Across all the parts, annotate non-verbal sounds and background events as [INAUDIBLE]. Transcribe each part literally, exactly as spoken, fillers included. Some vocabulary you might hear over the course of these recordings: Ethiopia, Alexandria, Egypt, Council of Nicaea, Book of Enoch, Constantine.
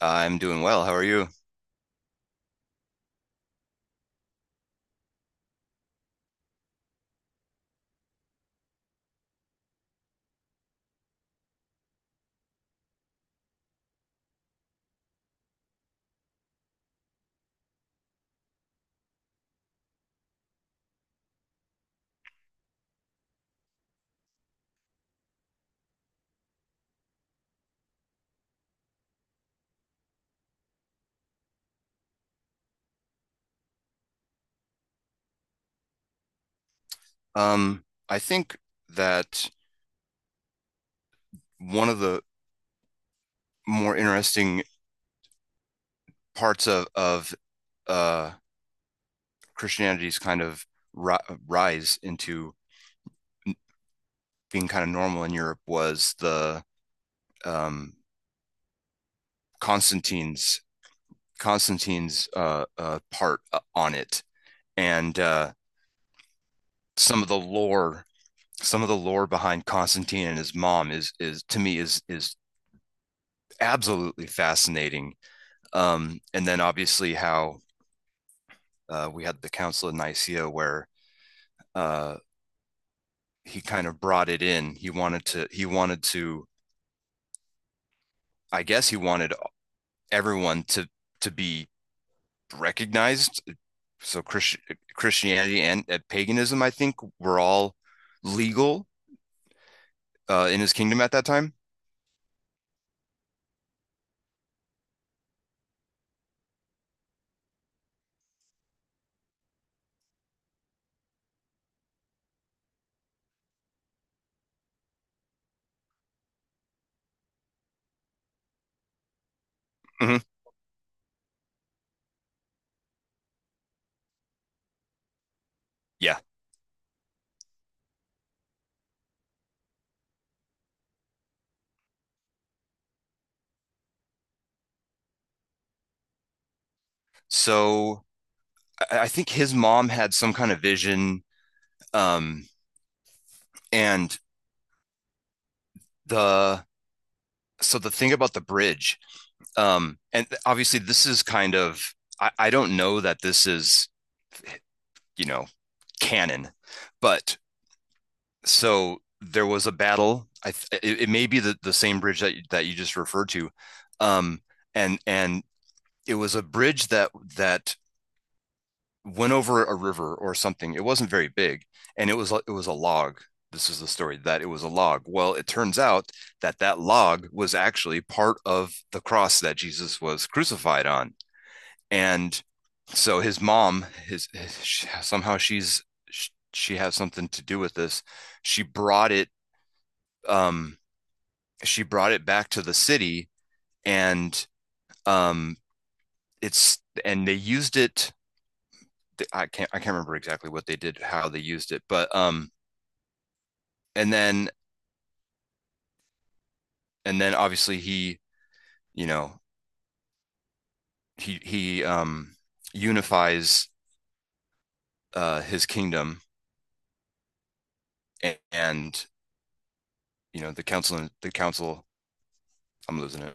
I'm doing well. How are you? Um, I think that one of the more interesting parts of of uh, Christianity's kind of ri rise into n- being kind of normal in Europe was the um, Constantine's Constantine's uh, uh, part uh, on it, and uh, some of the lore, some of the lore behind Constantine and his mom is is to me is is absolutely fascinating. Um, and then obviously how uh, we had the Council of Nicaea where uh, he kind of brought it in. He wanted to. He wanted to. I guess he wanted everyone to to be recognized. So Christ- Christianity and uh, paganism, I think, were all legal uh, in his kingdom at that time. Hmm. Yeah. So I, I think his mom had some kind of vision. Um, and the So the thing about the bridge, Um, and obviously, this is kind of, I, I don't know that this is, you know, canon, but so there was a battle. I th- it, it may be the, the same bridge that that you just referred to. Um, and and it was a bridge that that went over a river or something. It wasn't very big, and it was it was a log. This is the story, that it was a log. Well, it turns out that that log was actually part of the cross that Jesus was crucified on. And so his mom his, his somehow, she's, she has something to do with this, she brought it, um she brought it back to the city, and um it's and they used it. I can't i can't remember exactly what they did, how they used it, but um and then and then obviously he, you know, he he um unifies uh his kingdom, and, and you know, the council the council I'm losing it.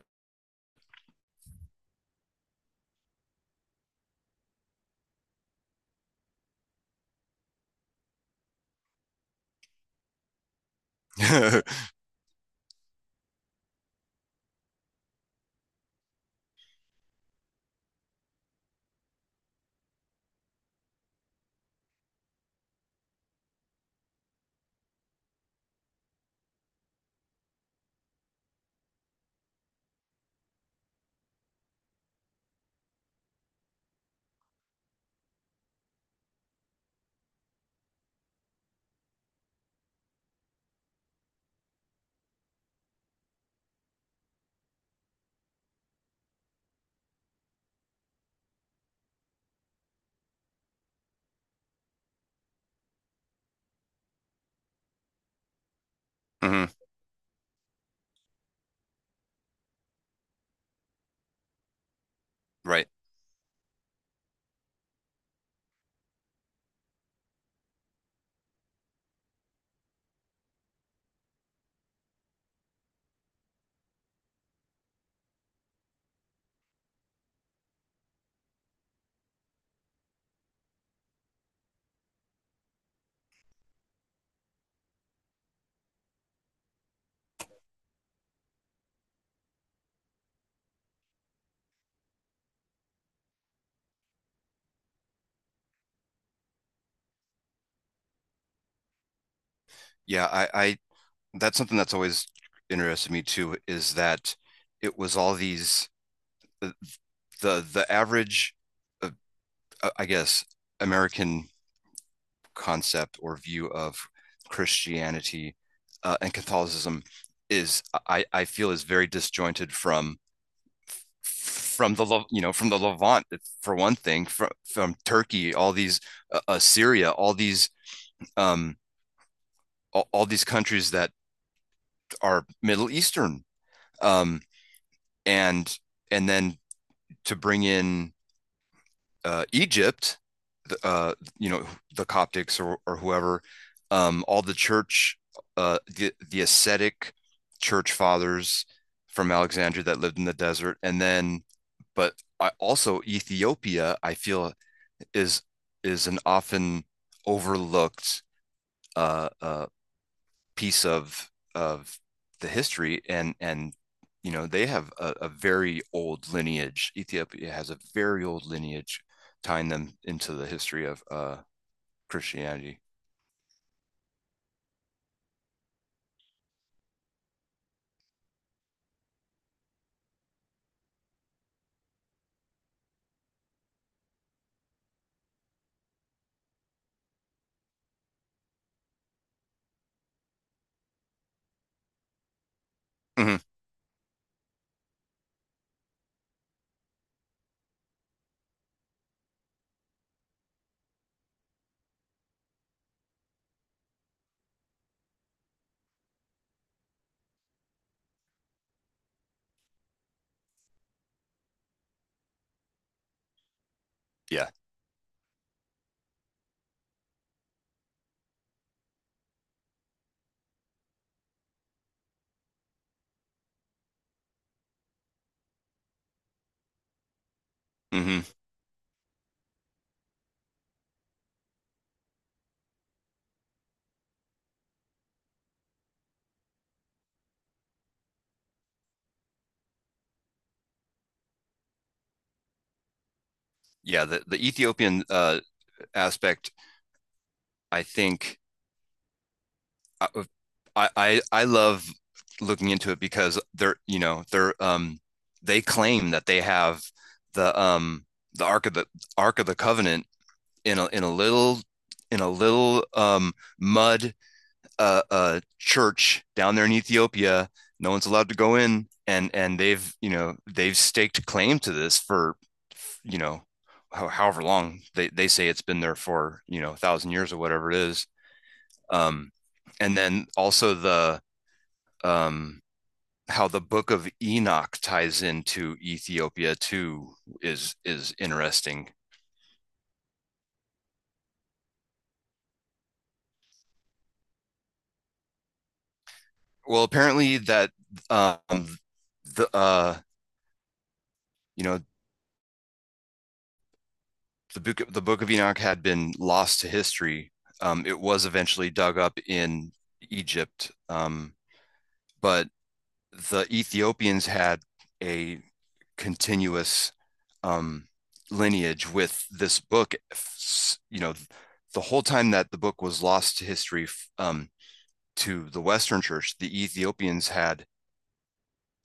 [LAUGHS] Mhm. Right. Yeah, I, I That's something that's always interested me too, is that it was all these the the, average uh, uh, I guess American concept or view of Christianity uh, and Catholicism is, I, I feel, is very disjointed from from the, you know, from the Levant, for one thing, from from Turkey, all these uh, uh, all these um all, all these countries that are Middle Eastern, um and and then to bring in uh, Egypt, uh, you know, the Coptics, or, or whoever, um, all the church, uh, the the ascetic church fathers from Alexandria that lived in the desert, and then, but I, also Ethiopia, I feel is is an often overlooked Uh, uh, piece of of the history, and and you know they have a, a very old lineage. Ethiopia has a very old lineage tying them into the history of uh Christianity. Hmm. Yeah. Hmm. Yeah, the, the Ethiopian uh aspect, I think, I, I i I love looking into it, because they're, you know, they're um they claim that they have the um the ark of the ark of the covenant in a in a little in a little um, mud uh, uh, church down there in Ethiopia. No one's allowed to go in, and and they've, you know, they've staked claim to this for, you know, however long. they they say it's been there for, you know, a thousand years or whatever it is. Um, and then also the um, how the Book of Enoch ties into Ethiopia too is is interesting. Well, apparently that um, the uh, you know, the book the Book of Enoch had been lost to history. Um, it was eventually dug up in Egypt, um, but the Ethiopians had a continuous um, lineage with this book. You know, the whole time that the book was lost to history, um, to the Western Church, the Ethiopians had,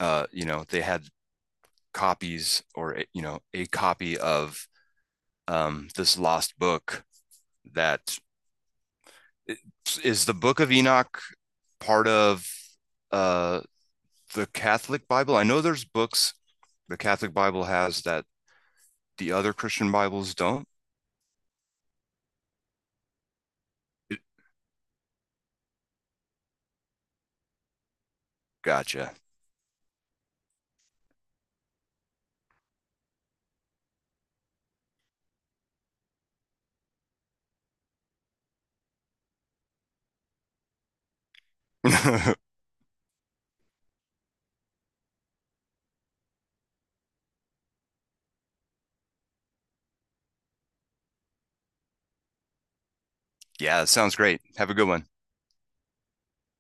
uh, you know, they had copies, or, you know, a copy of, um, this lost book, that is the Book of Enoch. Part of uh, the Catholic Bible, I know there's books the Catholic Bible has that the other Christian Bibles don't. Gotcha. [LAUGHS] yeah, sounds great, have a good one.